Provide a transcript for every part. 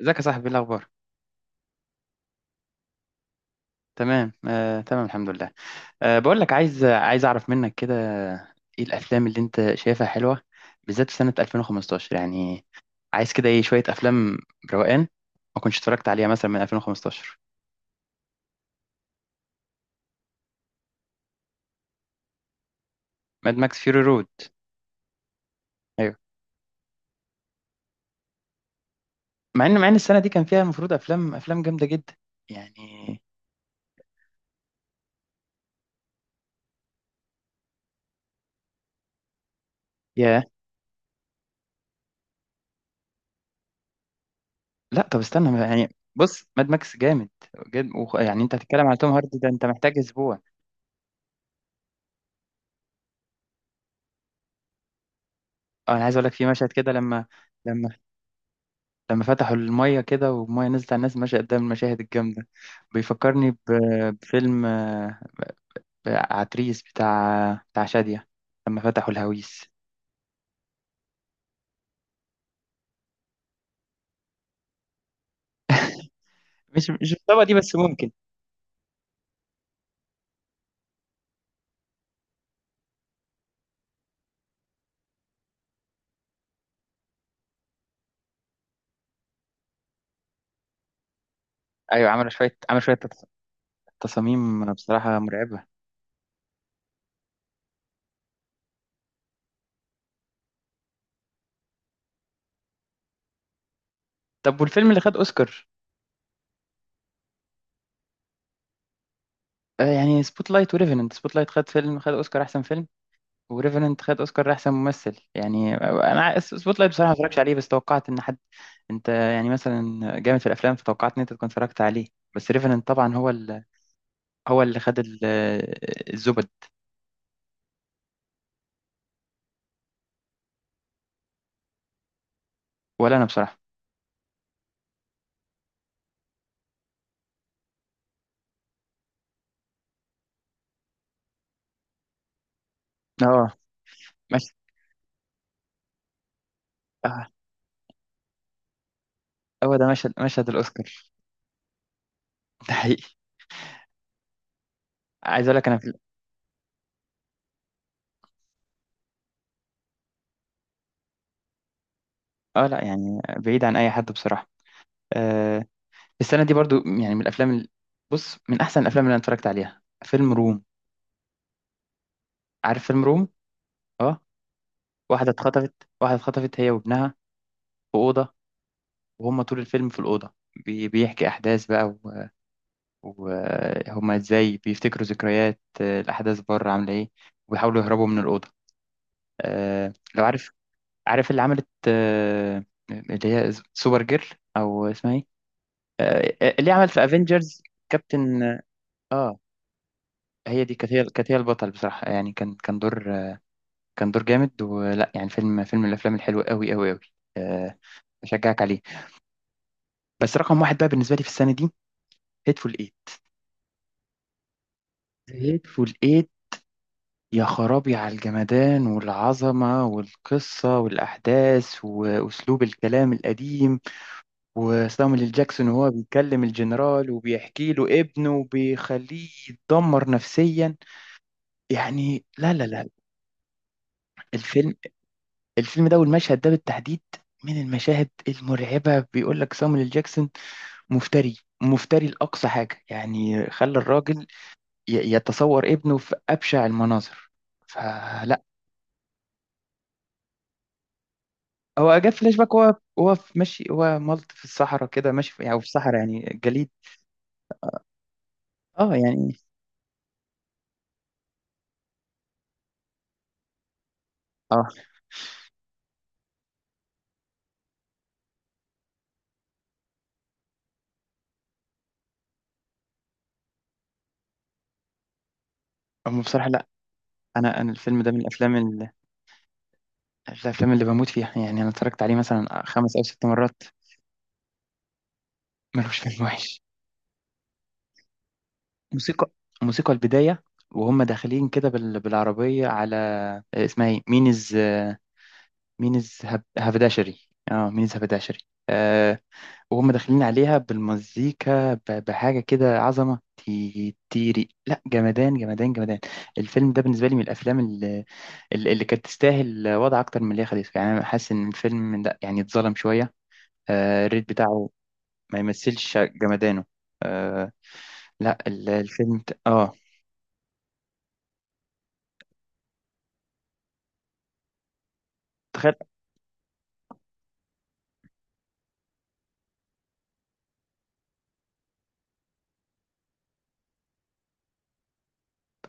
ازيك يا صاحبي؟ إيه الاخبار؟ تمام. تمام، الحمد لله. بقول لك، عايز اعرف منك كده ايه الافلام اللي انت شايفها حلوه، بالذات في سنه 2015 يعني. عايز كده ايه شويه افلام روقان ما كنتش اتفرجت عليها مثلا من 2015. ماد ماكس فيوري رود. ايوه. مع ان السنه دي كان فيها المفروض افلام جامده جدا يعني. يا. لا طب استنى، يعني بص، ماد ماكس جامد جد. يعني انت هتتكلم على توم هاردي ده، انت محتاج اسبوع. اه، انا عايز اقول لك في مشهد كده لما... لما لما فتحوا المية كده، والمية نزلت على الناس ماشية قدام المشاهد الجامدة، بيفكرني بفيلم عتريس، بتاع شادية، لما فتحوا الهويس. مش الطبقة دي بس، ممكن. أيوة، عمل شوية تصاميم بصراحة مرعبة. طب والفيلم اللي خد أوسكار؟ يعني سبوت لايت وريفننت. سبوت لايت خد فيلم، خد أوسكار أحسن فيلم، وريفننت خد أوسكار أحسن ممثل. يعني أنا سبوت لايت بصراحة ما اتفرجتش عليه، بس توقعت إن حد، أنت يعني مثلا جامد في الأفلام، فتوقعت إن أنت تكون اتفرجت عليه. بس ريفننت طبعا هو، هو اللي خد الزبد. ولا انا بصراحه. اه، مشهد. آه، هو ده مشهد، الاوسكار. ده حقيقي. عايز اقول لك، انا في اه لا، يعني بعيد عن اي حد بصراحه. آه، السنه دي برضو، يعني من الافلام بص، من احسن الافلام اللي انا اتفرجت عليها فيلم روم. عارف فيلم روم؟ اه. واحده اتخطفت، واحده اتخطفت هي وابنها في اوضه، وهم طول الفيلم في الاوضه، بيحكي احداث بقى، وهم ازاي بيفتكروا ذكريات، الاحداث بره عامله ايه، وبيحاولوا يهربوا من الاوضه. آه، لو عارف. عارف اللي عملت، اللي هي سوبر جيرل، او اسمها ايه، اللي عمل في افنجرز. كابتن. اه. هي دي كانت هي البطل بصراحة، يعني كان دور. كان دور جامد، ولا يعني فيلم من الافلام الحلوة، قوي قوي قوي. آه، اشجعك عليه. بس رقم واحد بقى بالنسبة لي في السنة دي، هيتفول ايت. هيتفول ايت. يا خرابي على الجمدان والعظمة والقصة والأحداث وأسلوب الكلام القديم، وسامويل إل جاكسون وهو بيكلم الجنرال وبيحكي له ابنه وبيخليه يتدمر نفسيا. يعني لا، لا، لا. الفيلم، ده والمشهد ده بالتحديد من المشاهد المرعبة. بيقول لك سامويل إل جاكسون مفتري، لأقصى حاجة، يعني خلى الراجل يتصور ابنه في أبشع المناظر، فلا. هو جاب فلاش باك، هو هو ماشي، هو ملط في الصحراء كده، ماشي في، يعني في الصحراء، يعني جليد. اه يعني اه. أما بصراحة لا، انا الفيلم ده من الافلام، اللي بموت فيها، يعني انا اتفرجت عليه مثلا 5 او 6 مرات. ملوش فيلم وحش. موسيقى، البدايه، وهم داخلين كده بالعربيه على اسمها ايه مينز، هبداشري. اه، مينز هبداشري. آه، وهم داخلين عليها بالمزيكا بحاجه كده عظمه، تيري. لا، جمدان جمدان جمدان. الفيلم ده بالنسبه لي من الافلام اللي, اللي كانت تستاهل وضع اكتر من اللي هي خدته. يعني انا حاسس ان الفيلم ده يعني اتظلم شويه، الريت بتاعه ما يمثلش جمدانه. آه، لا الفيلم اه تخيل.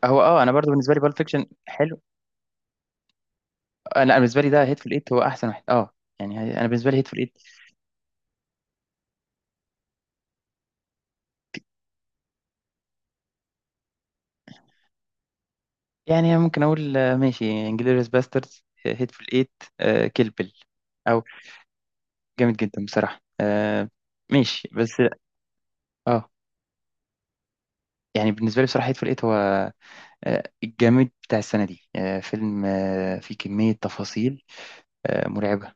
هو اه، انا برضو بالنسبه لي بالب فيكشن حلو. أنا بالنسبه لي ده هيت في الايت، هو احسن واحد اه. يعني انا بالنسبه لي هيت في الايت. يعني ممكن اقول ماشي، انجلوريوس باسترز، هيت في الايت، آه كيلبل، او جامد جدا بصراحه آه. ماشي بس. اه. يعني بالنسبه لي بصراحه هيت في الايت هو الجامد بتاع السنه دي. آه فيلم، آه فيه كميه تفاصيل آه مرعبه.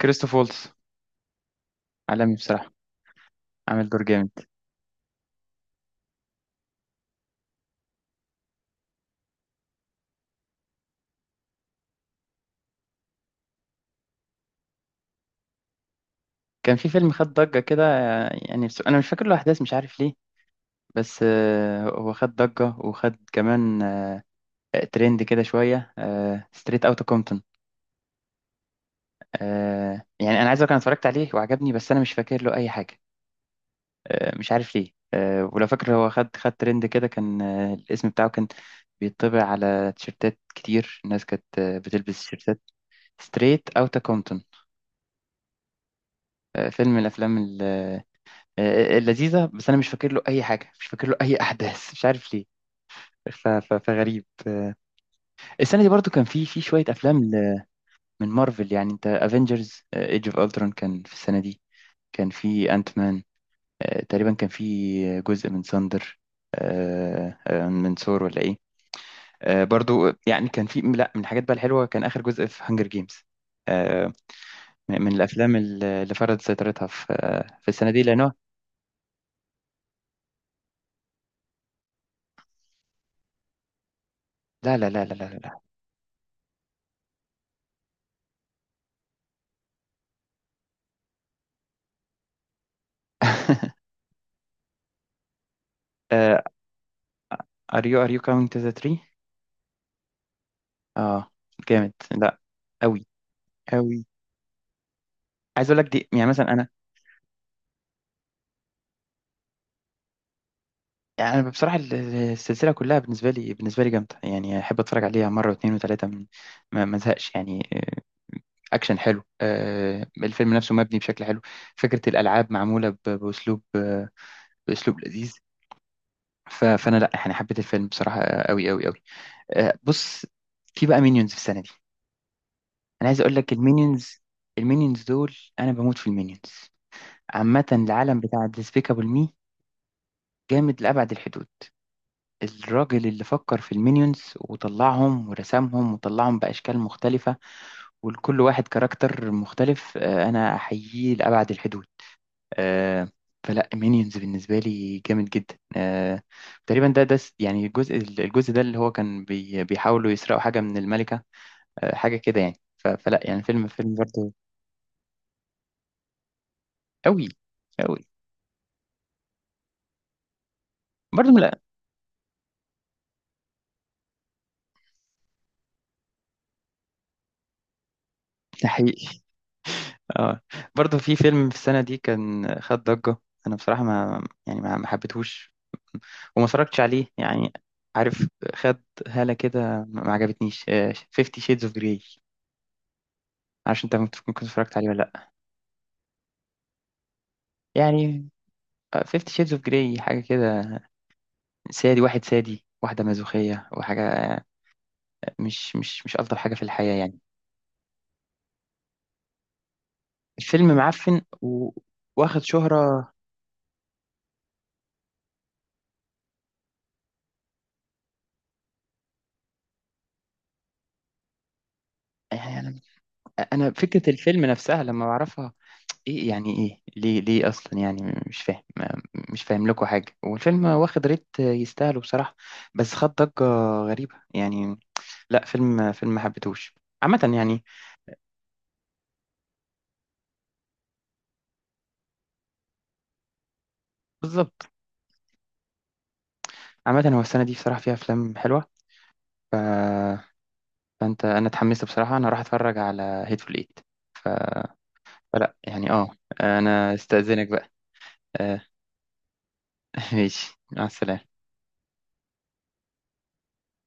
كريستوف وولتز عالمي بصراحه، عامل دور جامد. كان في فيلم خد ضجة كده، يعني بس أنا مش فاكر له أحداث، مش عارف ليه. بس هو خد ضجة وخد كمان ترند كده شوية، ستريت أوت كومبتون. يعني أنا عايز أقول أنا اتفرجت عليه وعجبني، بس أنا مش فاكر له أي حاجة. مش عارف ليه. ولو فاكر، هو خد ترند كده، كان الاسم بتاعه كان بيطبع على تيشيرتات كتير. الناس كانت بتلبس تيشيرتات ستريت أوت كومبتون. فيلم من الأفلام اللذيذة، بس أنا مش فاكر له أي حاجة، مش فاكر له أي أحداث، مش عارف ليه. فغريب، السنة دي برضو كان في شوية أفلام من مارفل. يعني أنت افنجرز ايج اوف الترون كان في السنة دي. كان في انت مان. تقريبا كان في جزء من ساندر، من ثور ولا إيه. برضو يعني، كان في، لا، من الحاجات بقى الحلوة كان آخر جزء في هانجر جيمز. من الأفلام اللي فرضت سيطرتها في، في السنة دي، لأنه لا لا لا لا لا لا. ار يو كاونت ذا تري. اه، are you counting to the tree؟ جامد. لا. أوي. عايز اقول لك دي، يعني مثلا انا. يعني انا بصراحه السلسله كلها بالنسبه لي، جامده. يعني احب اتفرج عليها مره واثنين وثلاثه، ما ازهقش يعني، اكشن حلو، الفيلم نفسه مبني بشكل حلو. فكره الالعاب معموله باسلوب باسلوب لذيذ. فانا لا، يعني حبيت الفيلم بصراحه، قوي قوي قوي. بص، في بقى مينيونز في السنه دي. انا عايز اقول لك المينيونز، المينيونز دول انا بموت في المينيونز. عامه العالم بتاع ديسبيكابل مي جامد لأبعد الحدود. الراجل اللي فكر في المينيونز وطلعهم ورسمهم وطلعهم بأشكال مختلفة، ولكل واحد كاركتر مختلف، أنا أحييه لأبعد الحدود. آه، فلا مينيونز بالنسبة لي جامد جدا. تقريبا ده يعني الجزء، ده اللي هو كان بيحاولوا يسرقوا حاجة من الملكة، حاجة كده يعني. فلا يعني فيلم برضه. أوي. أوي. برضه لا، ده حقيقي. اه، برضه في فيلم في السنة دي كان خد ضجة. أنا بصراحة، ما يعني، ما حبيتهوش وما اتفرجتش عليه. يعني عارف، خد هالة كده، ما عجبتنيش، 50 Shades of Grey. عشان انت ممكن تكون كنت اتفرجت عليه ولا لا. يعني 50 Shades of Grey، حاجة كده، سادي واحد، سادي واحدة، مازوخية وحاجة، مش ألطف حاجة في الحياة يعني. الفيلم معفن واخد شهرة. يعني أنا، فكرة الفيلم نفسها لما بعرفها، ايه يعني، ايه ليه، اصلا، يعني مش فاهم مش فاهم لكم حاجه. والفيلم واخد ريت يستاهله بصراحه، بس خد ضجه غريبه يعني. لا، فيلم ما حبيتهوش عامه يعني. بالظبط. عامه هو السنه دي بصراحه فيها افلام حلوه ف... فانت، انا اتحمست بصراحه، انا راح اتفرج على هيتفول ايت. فلا يعني اه، انا استاذنك بقى. آه، ماشي، مع السلامه.